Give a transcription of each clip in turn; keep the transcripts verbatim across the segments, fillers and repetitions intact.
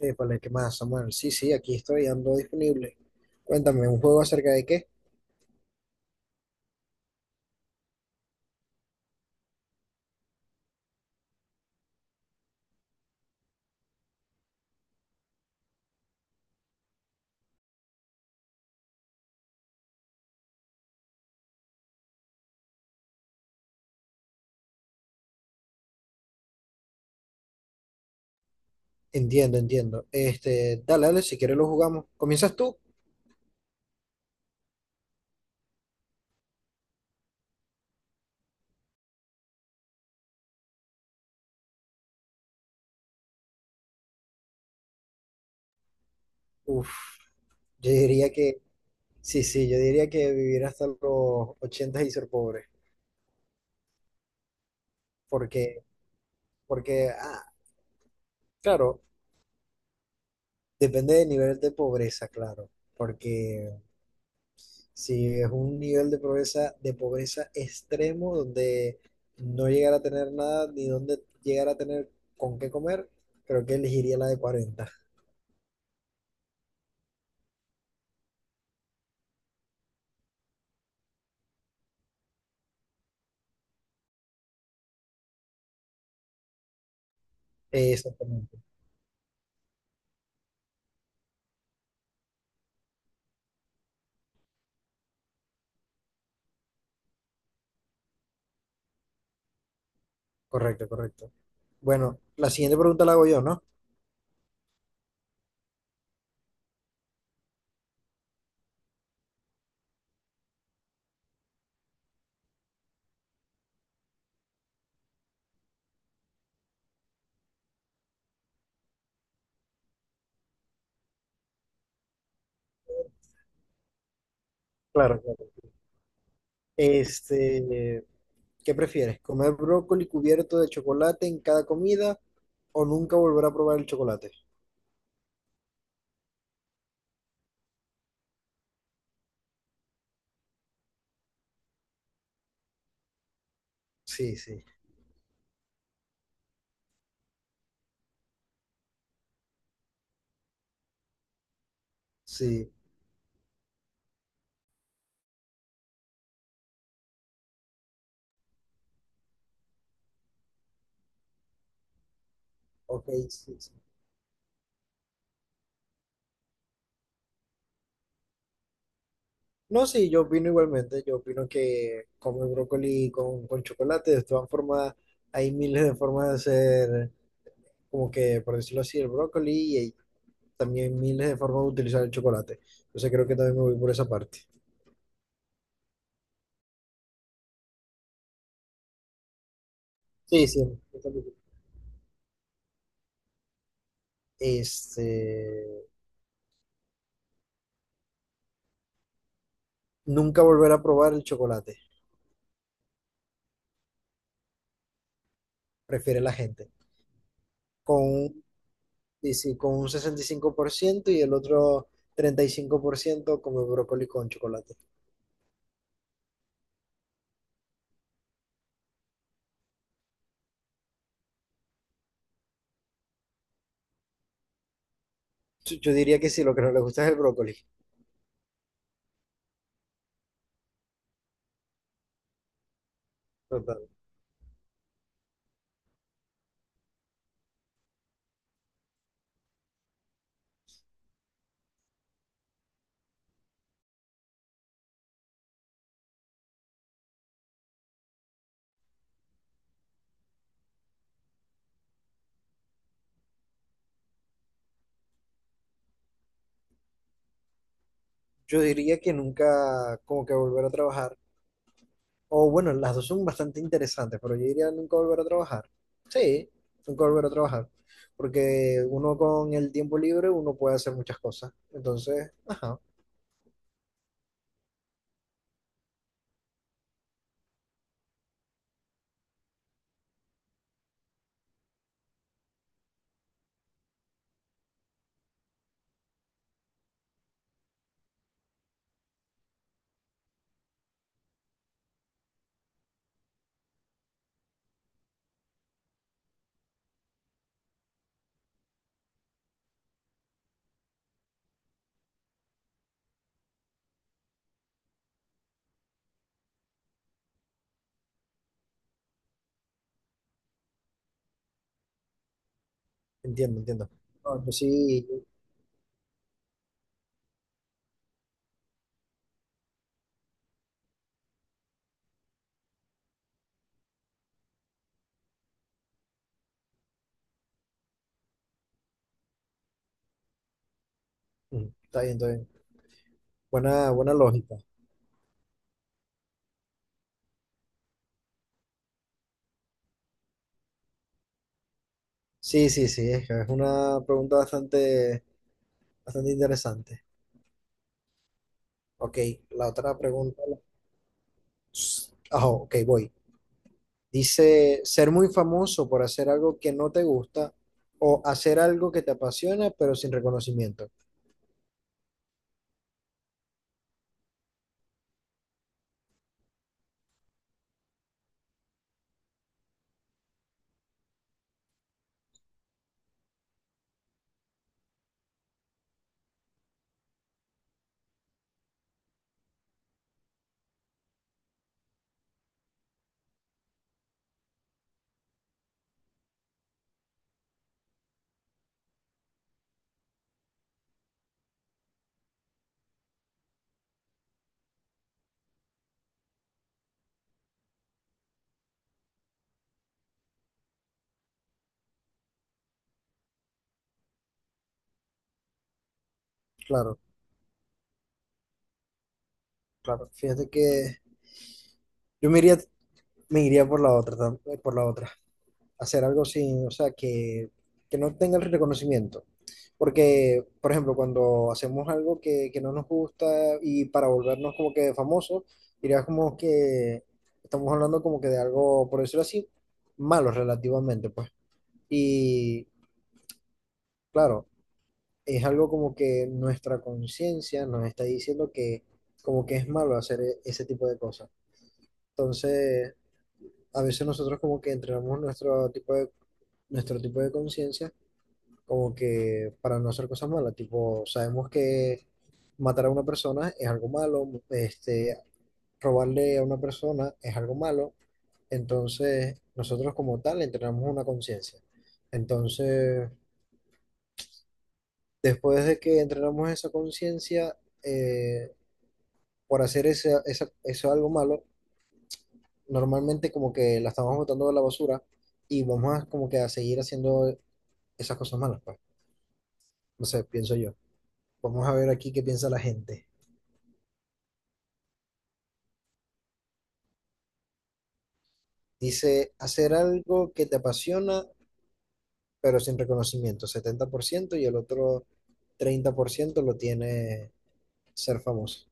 Épale, ¿qué más, Samuel? Sí, sí, aquí estoy, ando disponible. Cuéntame, ¿un juego acerca de qué? Entiendo, entiendo. Este, dale, dale, si quieres lo jugamos. ¿Comienzas tú? Uf, yo diría que, sí, sí, yo diría que vivir hasta los ochenta y ser pobre. Porque, porque, ah, claro, depende del nivel de pobreza, claro. Porque Sí, es un nivel de pobreza, de pobreza extremo donde no llegar a tener nada ni donde llegar a tener con qué comer, creo que elegiría la de cuarenta. Eh, Exactamente. Correcto, correcto. Bueno, la siguiente pregunta la hago yo, ¿no? Claro, claro. Este, ¿Qué prefieres? ¿Comer brócoli cubierto de chocolate en cada comida o nunca volver a probar el chocolate? Sí, sí, sí, ok, sí, sí. No, sí, yo opino igualmente, yo opino que comer brócoli con, con chocolate, de todas formas, hay miles de formas de hacer, como que, por decirlo así, el brócoli y hay también miles de formas de utilizar el chocolate. Entonces creo que también me voy por esa parte. Sí, sí, yo también. Este, nunca volver a probar el chocolate, prefiere la gente. Con Sí, sí, con un sesenta y cinco por ciento y el otro treinta y cinco por ciento come brócoli con chocolate. Yo, yo diría que sí, lo que no le gusta es el brócoli. Total. Yo diría que nunca como que volver a trabajar. O bueno, las dos son bastante interesantes, pero yo diría nunca volver a trabajar. Sí, nunca volver a trabajar. Porque uno con el tiempo libre, uno puede hacer muchas cosas. Entonces, ajá, entiendo, entiendo. No, yo sí, mm, está bien, está bien. Buena, buena lógica. Sí, sí, sí, es que es una pregunta bastante bastante interesante. Ok, la otra pregunta. Ah, ok, voy. Dice, ser muy famoso por hacer algo que no te gusta o hacer algo que te apasiona pero sin reconocimiento. Claro. Claro, fíjate que yo me iría, me iría por la otra, tam- eh, por la otra. Hacer algo sin, o sea, que, que no tenga el reconocimiento. Porque, por ejemplo, cuando hacemos algo que, que no nos gusta y para volvernos como que famosos, dirías como que estamos hablando como que de algo, por decirlo así, malo relativamente, pues. Y claro, es algo como que nuestra conciencia nos está diciendo que como que es malo hacer e- ese tipo de cosas. Entonces, a veces nosotros como que entrenamos nuestro tipo de, nuestro tipo de conciencia como que para no hacer cosas malas, tipo, sabemos que matar a una persona es algo malo, este, robarle a una persona es algo malo, entonces nosotros como tal entrenamos una conciencia. Entonces, después de que entrenamos esa conciencia, eh, por hacer ese, esa- eso algo malo, normalmente como que la estamos botando a la basura y vamos a como que a seguir haciendo esas cosas malas, pues. No sé, pienso yo. Vamos a ver aquí qué piensa la gente. Dice, hacer algo que te apasiona, pero sin reconocimiento, setenta por ciento y el otro treinta por ciento lo tiene ser famoso.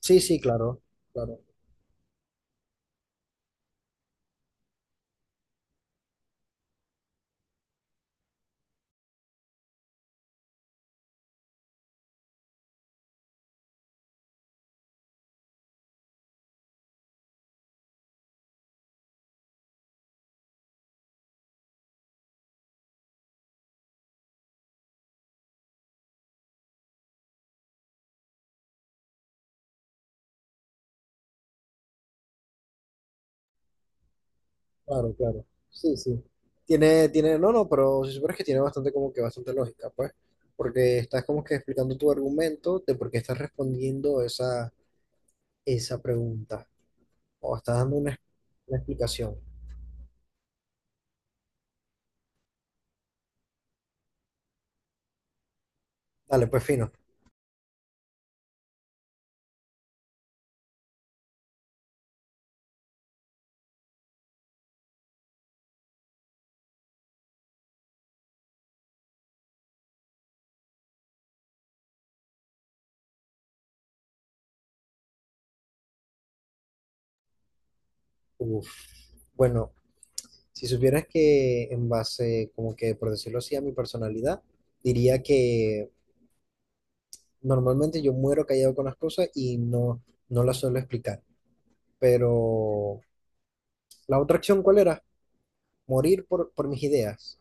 Sí, sí, claro, claro, claro, claro. Sí, sí. Tiene, tiene, no, no, pero si supieras que tiene bastante como que bastante lógica, pues, porque estás como que explicando tu argumento de por qué estás respondiendo esa esa pregunta. O está dando una, una explicación. Dale, pues fino. Uf. Bueno, si supieras que en base, como que por decirlo así, a mi personalidad, diría que normalmente yo muero callado con las cosas y no, no las suelo explicar. Pero la otra acción, ¿cuál era? Morir por, por mis ideas.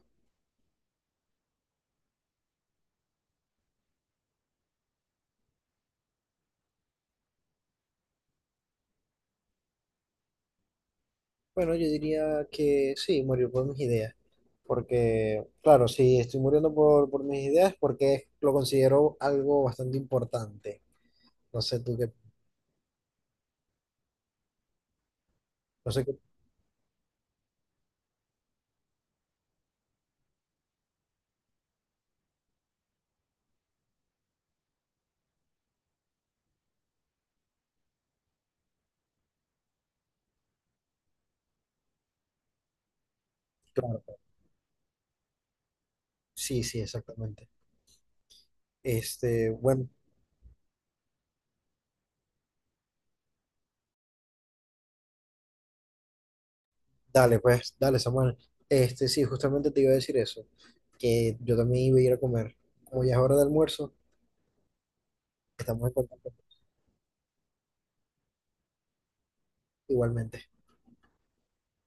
Bueno, yo diría que sí, morir por mis ideas. Porque, claro, si estoy muriendo por, por mis ideas, porque lo considero algo bastante importante. No sé tú qué, no sé qué, claro, sí, sí, exactamente. Este, bueno, dale, pues, dale, Samuel. Este, sí, justamente te iba a decir eso, que yo también iba a ir a comer. Como ya es hora de almuerzo, estamos en contacto igualmente.